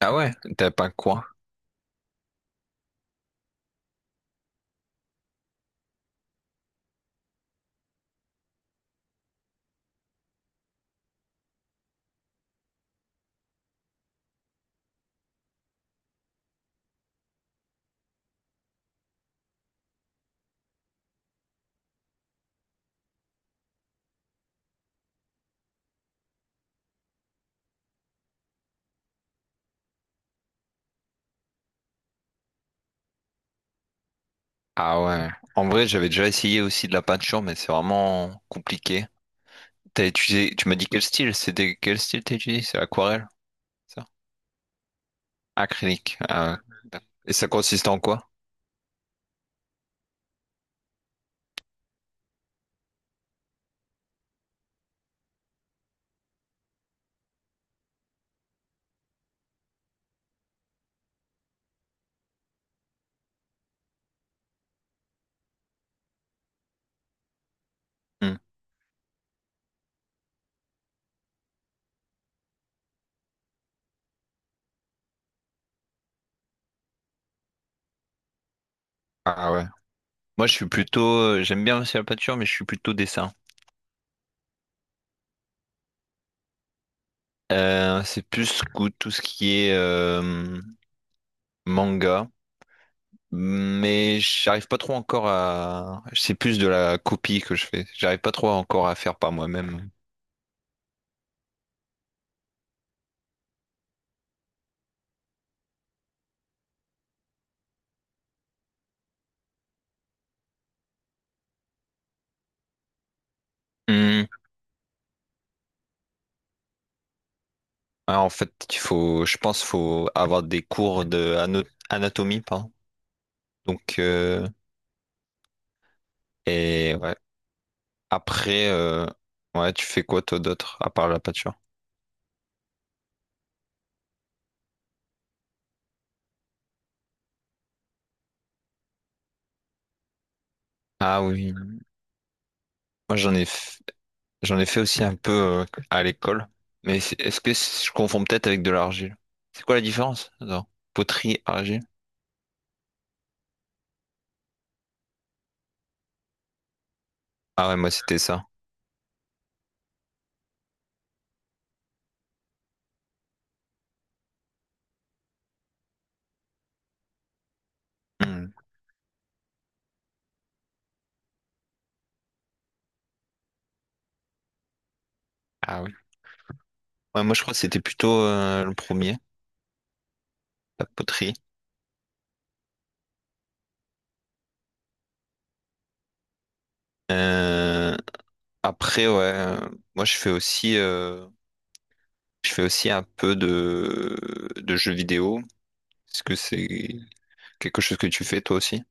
Ah ouais, t'as pas quoi? Ah ouais. En vrai, j'avais déjà essayé aussi de la peinture, mais c'est vraiment compliqué. T'as utilisé, tu m'as dit quel style? C'était quel style t'as utilisé? C'est aquarelle, ça? Acrylique. Ah ouais. Et ça consiste en quoi? Hmm. Ah ouais. Moi, je suis plutôt, j'aime bien aussi la peinture, mais je suis plutôt dessin. C'est plus tout ce qui est manga, mais j'arrive pas trop encore à. C'est plus de la copie que je fais. J'arrive pas trop encore à faire par moi-même. Hmm. Ouais, en fait, il faut, je pense, faut avoir des cours de anatomie, pardon. Donc, euh, et ouais. Après, ouais, tu fais quoi toi d'autre à part la peinture? Ah oui, moi j'en ai fait aussi un peu à l'école. Mais est-ce que je confonds peut-être avec de l'argile? C'est quoi la différence? Attends. Poterie, argile? Ah ouais, moi c'était ça. Hmm. Ah oui. Ouais, moi je crois que c'était plutôt le premier, la poterie. Euh, après, ouais, moi je fais aussi. Je fais aussi un peu de jeux vidéo. Est-ce que c'est quelque chose que tu fais toi aussi?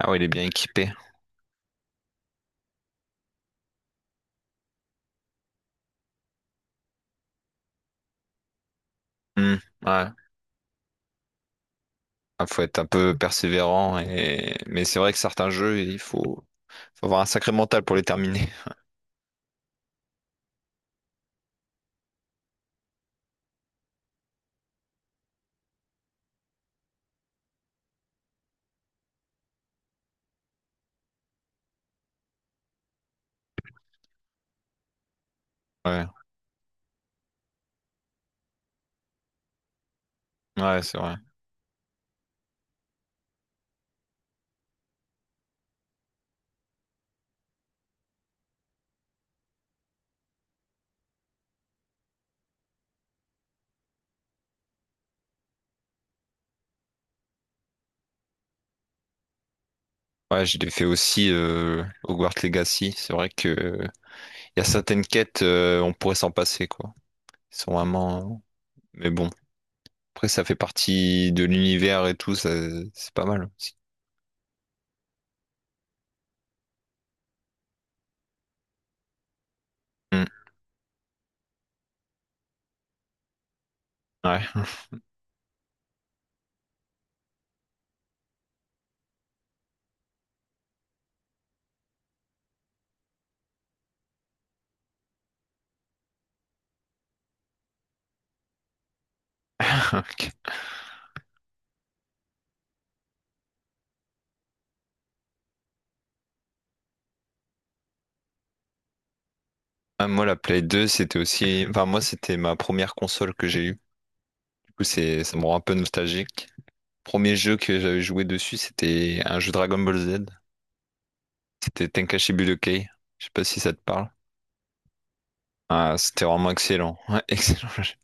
Ah ouais, il est bien équipé. Hmm, ouais. Ah, faut être un peu persévérant et mais c'est vrai que certains jeux, faut avoir un sacré mental pour les terminer. Ouais, ouais, c'est vrai. Ouais, je l'ai fait aussi Hogwarts Legacy. C'est vrai que y a certaines quêtes, on pourrait s'en passer, quoi. Ils sont vraiment. Mais bon, après, ça fait partie de l'univers et tout, ça, c'est pas mal aussi. Hmm. Ouais. Ok. Ah, moi, la Play 2, c'était aussi. Enfin, moi, c'était ma première console que j'ai eue. Du coup, c'est... ça me rend un peu nostalgique. Premier jeu que j'avais joué dessus, c'était un jeu Dragon Ball Z. C'était Tenkaichi Budokai. Je sais pas si ça te parle. Ah, c'était vraiment excellent. Ouais, excellent jeu.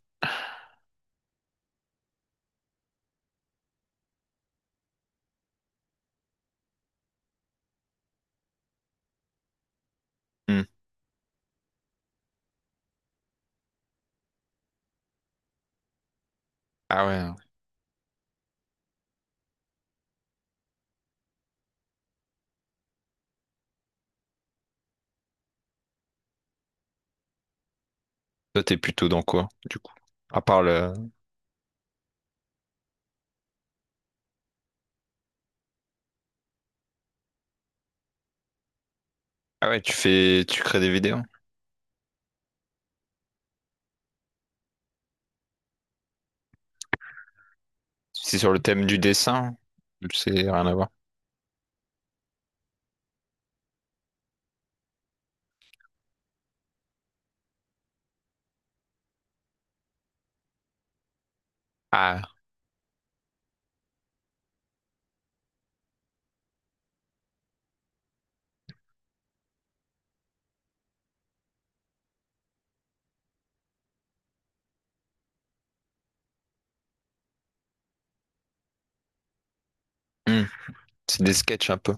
Hmm. Ah ouais. Toi, t'es plutôt dans quoi, du coup? À part le... Ah ouais, tu fais... Tu crées des vidéos. C'est sur le thème du dessin. C'est rien à voir. Ah, hmm, c'est des sketchs un peu.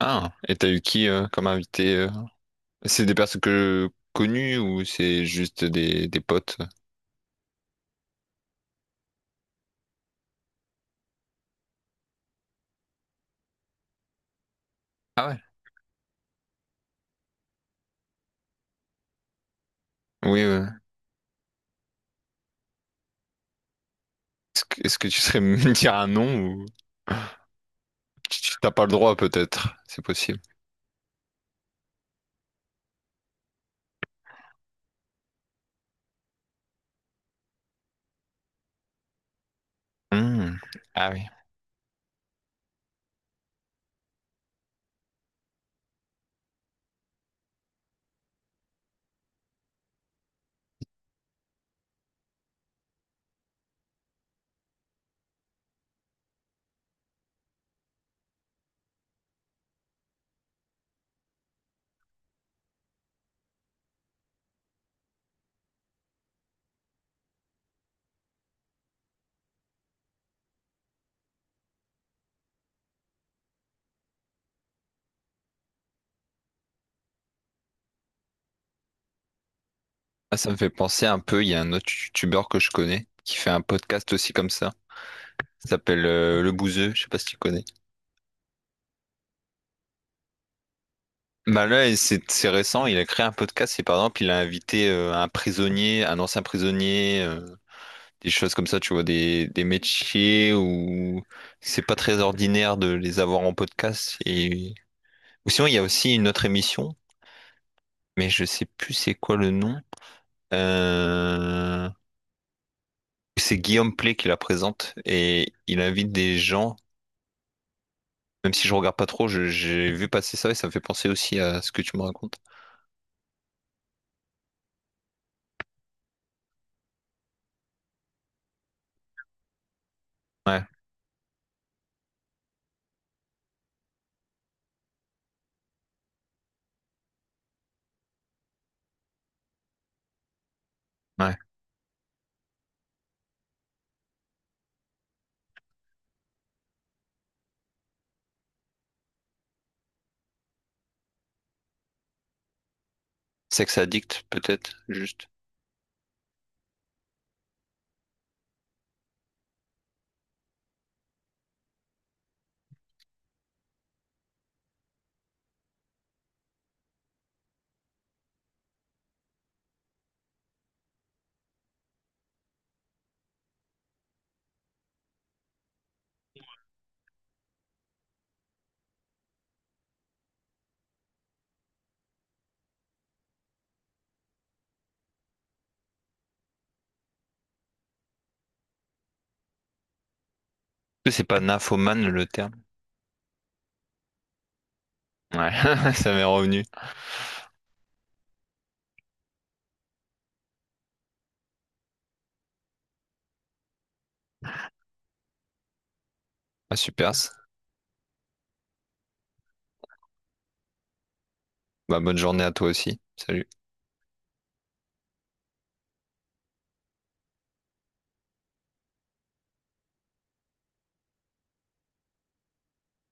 Ah, et t'as eu qui comme invité euh, c'est des personnes que... connues ou c'est juste des potes? Ah ouais. Oui, ouais. Est-ce que tu serais me dire un nom ou... T'as pas le droit peut-être, c'est possible. Hmm. Ah oui. Ah, ça me fait penser un peu, il y a un autre youtubeur que je connais qui fait un podcast aussi comme ça. Ça s'appelle Le Bouzeux, je sais pas si tu connais. Bah là, et c'est récent, il a créé un podcast et par exemple, il a invité un prisonnier, un ancien prisonnier, des choses comme ça, tu vois, des métiers où c'est pas très ordinaire de les avoir en podcast. Et... Ou sinon, il y a aussi une autre émission, mais je sais plus c'est quoi le nom. Euh, C'est Guillaume Play qui la présente et il invite des gens, même si je regarde pas trop, j'ai vu passer ça et ça me fait penser aussi à ce que tu me racontes. Ouais. Ouais. Sex addict, peut-être, juste. C'est pas nymphomane le terme. Ouais, ça m'est revenu. Ah, super. Bah, bonne journée à toi aussi. Salut.